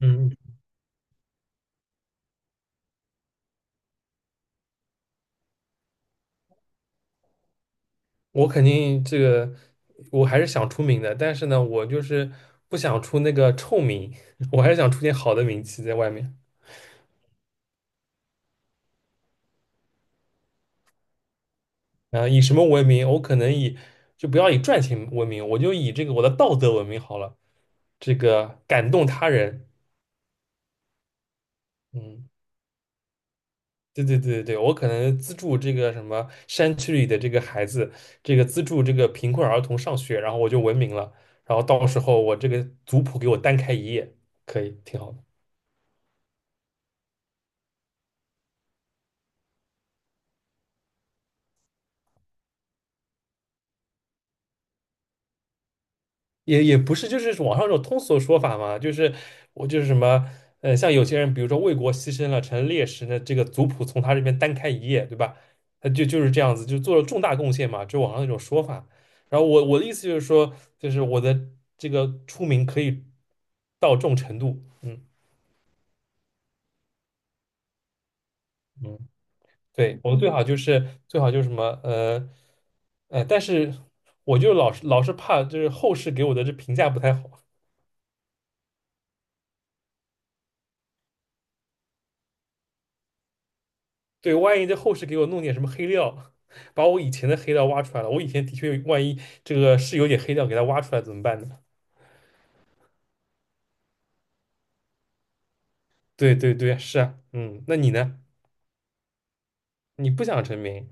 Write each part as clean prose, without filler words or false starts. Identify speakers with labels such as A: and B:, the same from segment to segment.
A: 嗯，我肯定这个，我还是想出名的，但是呢，我就是不想出那个臭名，我还是想出点好的名气在外面。啊以什么闻名？我可能以就不要以赚钱闻名，我就以这个我的道德闻名好了。这个感动他人，嗯，对对对对，我可能资助这个什么山区里的这个孩子，这个资助这个贫困儿童上学，然后我就闻名了。然后到时候我这个族谱给我单开一页，可以，挺好的。也也不是，就是网上种通俗的说法嘛，就是我就是什么，像有些人，比如说为国牺牲了，成了烈士，那这个族谱从他这边单开一页，对吧？他就是这样子，就做了重大贡献嘛，就网上那种说法。然后我的意思就是说，就是我的这个出名可以到这种程度，嗯嗯，对，我们最好就是最好就是什么，但是我就老是怕就是后世给我的这评价不太好，对，万一在后世给我弄点什么黑料，把我以前的黑料挖出来了，我以前的确万一这个是有点黑料，给他挖出来怎么办呢？对对对，是啊，嗯，那你呢？你不想成名，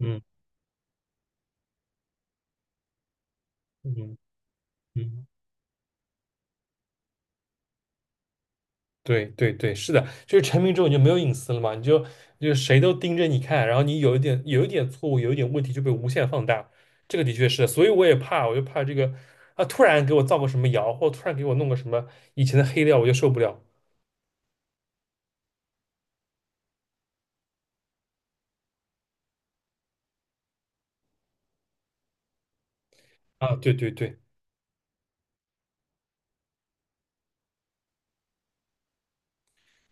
A: 嗯嗯嗯，对对对，是的，就是成名之后你就没有隐私了嘛，你就谁都盯着你看，然后你有一点错误，有一点问题就被无限放大，这个的确是，所以我也怕，我就怕这个啊，突然给我造个什么谣，或突然给我弄个什么以前的黑料，我就受不了啊，对对对。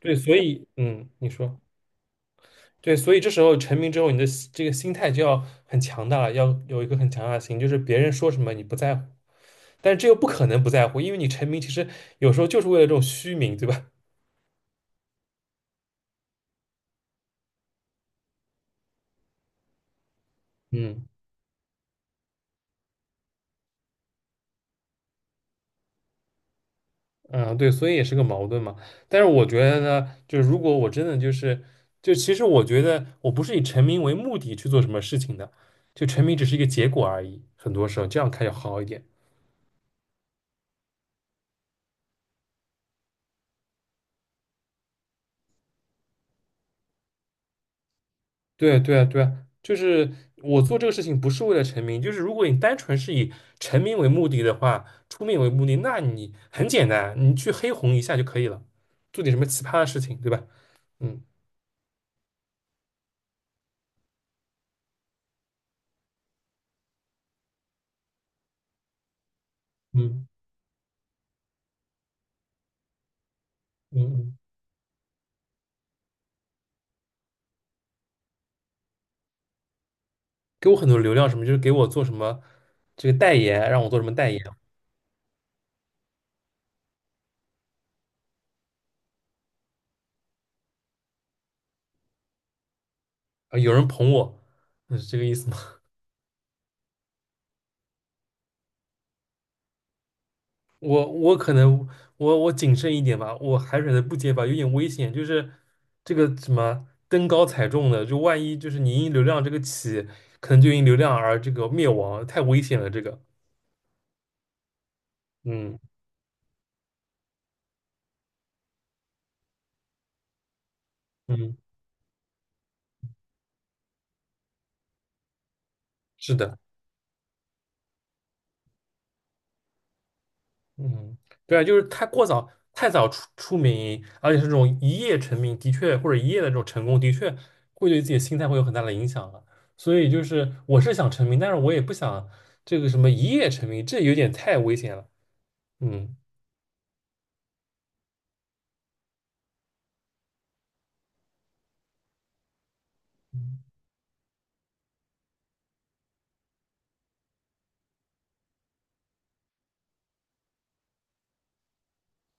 A: 对，所以嗯，你说对，所以这时候成名之后，你的心这个心态就要很强大了，要有一个很强大的心，就是别人说什么你不在乎，但是这又不可能不在乎，因为你成名其实有时候就是为了这种虚名，对吧？嗯嗯，对，所以也是个矛盾嘛。但是我觉得呢，就是如果我真的就是，就其实我觉得我不是以成名为目的去做什么事情的，就成名只是一个结果而已，很多时候这样看要好一点。对对啊对啊，就是我做这个事情不是为了成名，就是如果你单纯是以成名为目的的话，出名为目的，那你很简单，你去黑红一下就可以了，做点什么奇葩的事情，对吧？嗯嗯嗯嗯，给我很多流量什么，就是给我做什么这个代言，让我做什么代言，啊，有人捧我，嗯，是这个意思吗？我可能我谨慎一点吧，我还选择不接吧，有点危险。就是这个什么登高踩重的，就万一就是你因流量这个起，可能就因流量而这个灭亡，太危险了。这个，嗯嗯，是的，嗯，对啊，就是太过早太早出名，而且是这种一夜成名，的确或者一夜的这种成功，的确会对自己的心态会有很大的影响啊。所以就是我是想成名，但是我也不想这个什么一夜成名，这有点太危险了。嗯。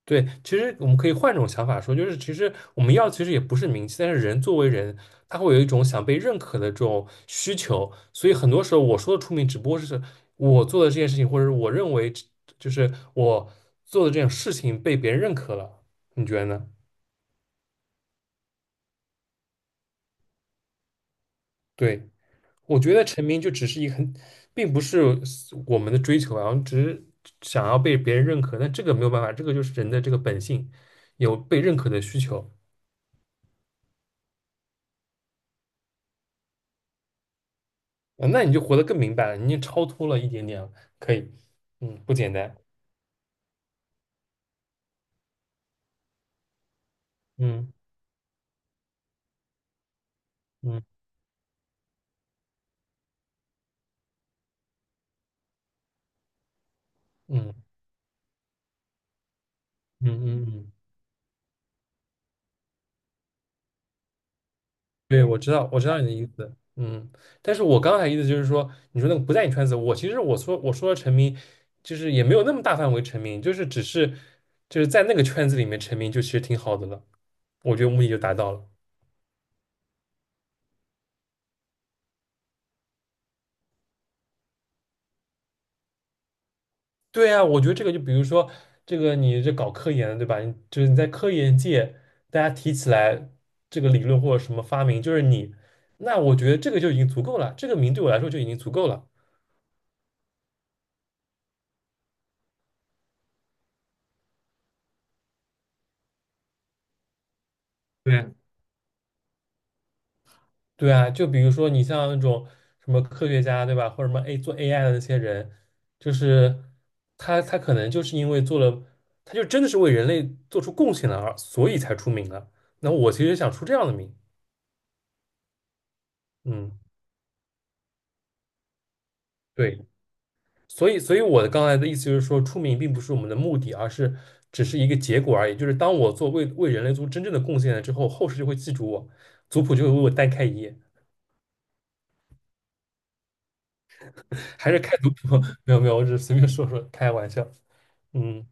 A: 对，其实我们可以换种想法说，就是其实我们要其实也不是名气，但是人作为人，他会有一种想被认可的这种需求，所以很多时候我说的出名，只不过是我做的这件事情，或者是我认为这就是我做的这种事情被别人认可了，你觉得呢？对，我觉得成名就只是一个很，并不是我们的追求啊，我们只是想要被别人认可，但这个没有办法，这个就是人的这个本性，有被认可的需求。啊那你就活得更明白了，你已经超脱了一点点了，可以，嗯，不简单，嗯嗯嗯嗯嗯嗯，对，我知道，我知道你的意思，嗯，但是我刚才意思就是说，你说那个不在你圈子，我其实我说的沉迷，就是也没有那么大范围成名，就是只是就是在那个圈子里面成名，就其实挺好的了，我觉得目的就达到了。对啊，我觉得这个就比如说，这个你这搞科研的，对吧？你就是你在科研界，大家提起来这个理论或者什么发明，就是你，那我觉得这个就已经足够了，这个名对我来说就已经足够了。对，对啊，就比如说你像那种什么科学家，对吧？或者什么 A 做 AI 的那些人，就是他可能就是因为做了，他就真的是为人类做出贡献了而，所以才出名了。那我其实想出这样的名，嗯，对。所以，所以我的刚才的意思就是说，出名并不是我们的目的，而是只是一个结果而已。就是当我做为为人类做真正的贡献了之后，后世就会记住我，族谱就会为我单开一页。还是开族谱？没有没有，我只是随便说说，开玩笑。嗯，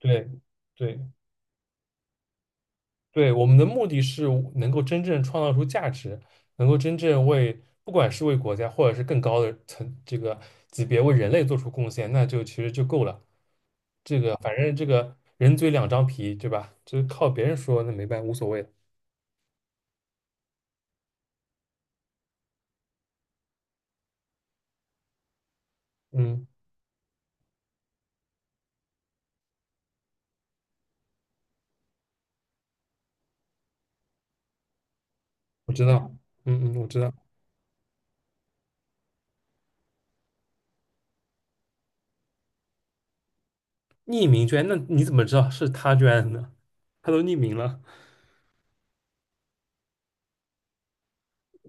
A: 对对。对，我们的目的是能够真正创造出价值，能够真正为，不管是为国家，或者是更高的层这个级别为人类做出贡献，那就其实就够了。这个反正这个人嘴两张皮，对吧？就是靠别人说，那没办法无所谓的嗯，我知道，嗯嗯，我知道。匿名捐，那你怎么知道是他捐的呢？他都匿名了，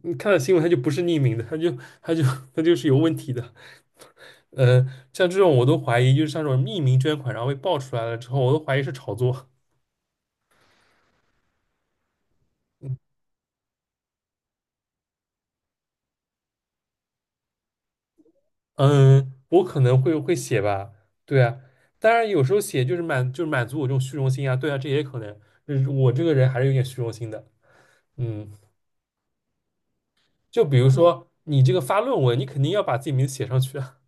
A: 你看到新闻，他就不是匿名的，他就他就 他就是有问题的。嗯，像这种我都怀疑，就是像这种匿名捐款，然后被爆出来了之后，我都怀疑是炒作。嗯，我可能会写吧，对啊，当然有时候写就是满足我这种虚荣心啊，对啊，这也可能，就是我这个人还是有点虚荣心的。嗯，就比如嗯说你这个发论文，你肯定要把自己名字写上去啊。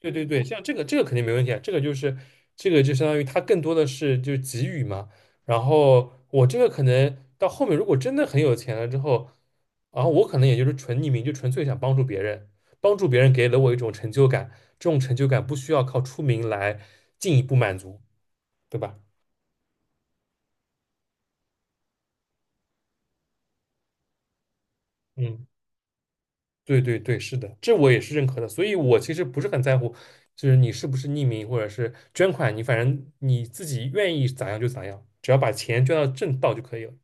A: 对对对，像这个肯定没问题啊，这个就是这个就相当于他更多的是就是给予嘛。然后我这个可能到后面如果真的很有钱了之后，然后我可能也就是纯匿名，就纯粹想帮助别人，帮助别人给了我一种成就感，这种成就感不需要靠出名来进一步满足，对吧？嗯，对对对，是的，这我也是认可的。所以我其实不是很在乎，就是你是不是匿名或者是捐款，你反正你自己愿意咋样就咋样，只要把钱捐到正道就可以了。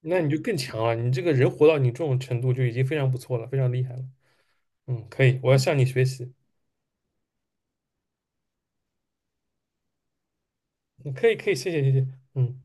A: 那你就更强了。你这个人活到你这种程度就已经非常不错了，非常厉害了。嗯，可以，我要向你学习。嗯可以，可以，谢谢，谢谢。嗯。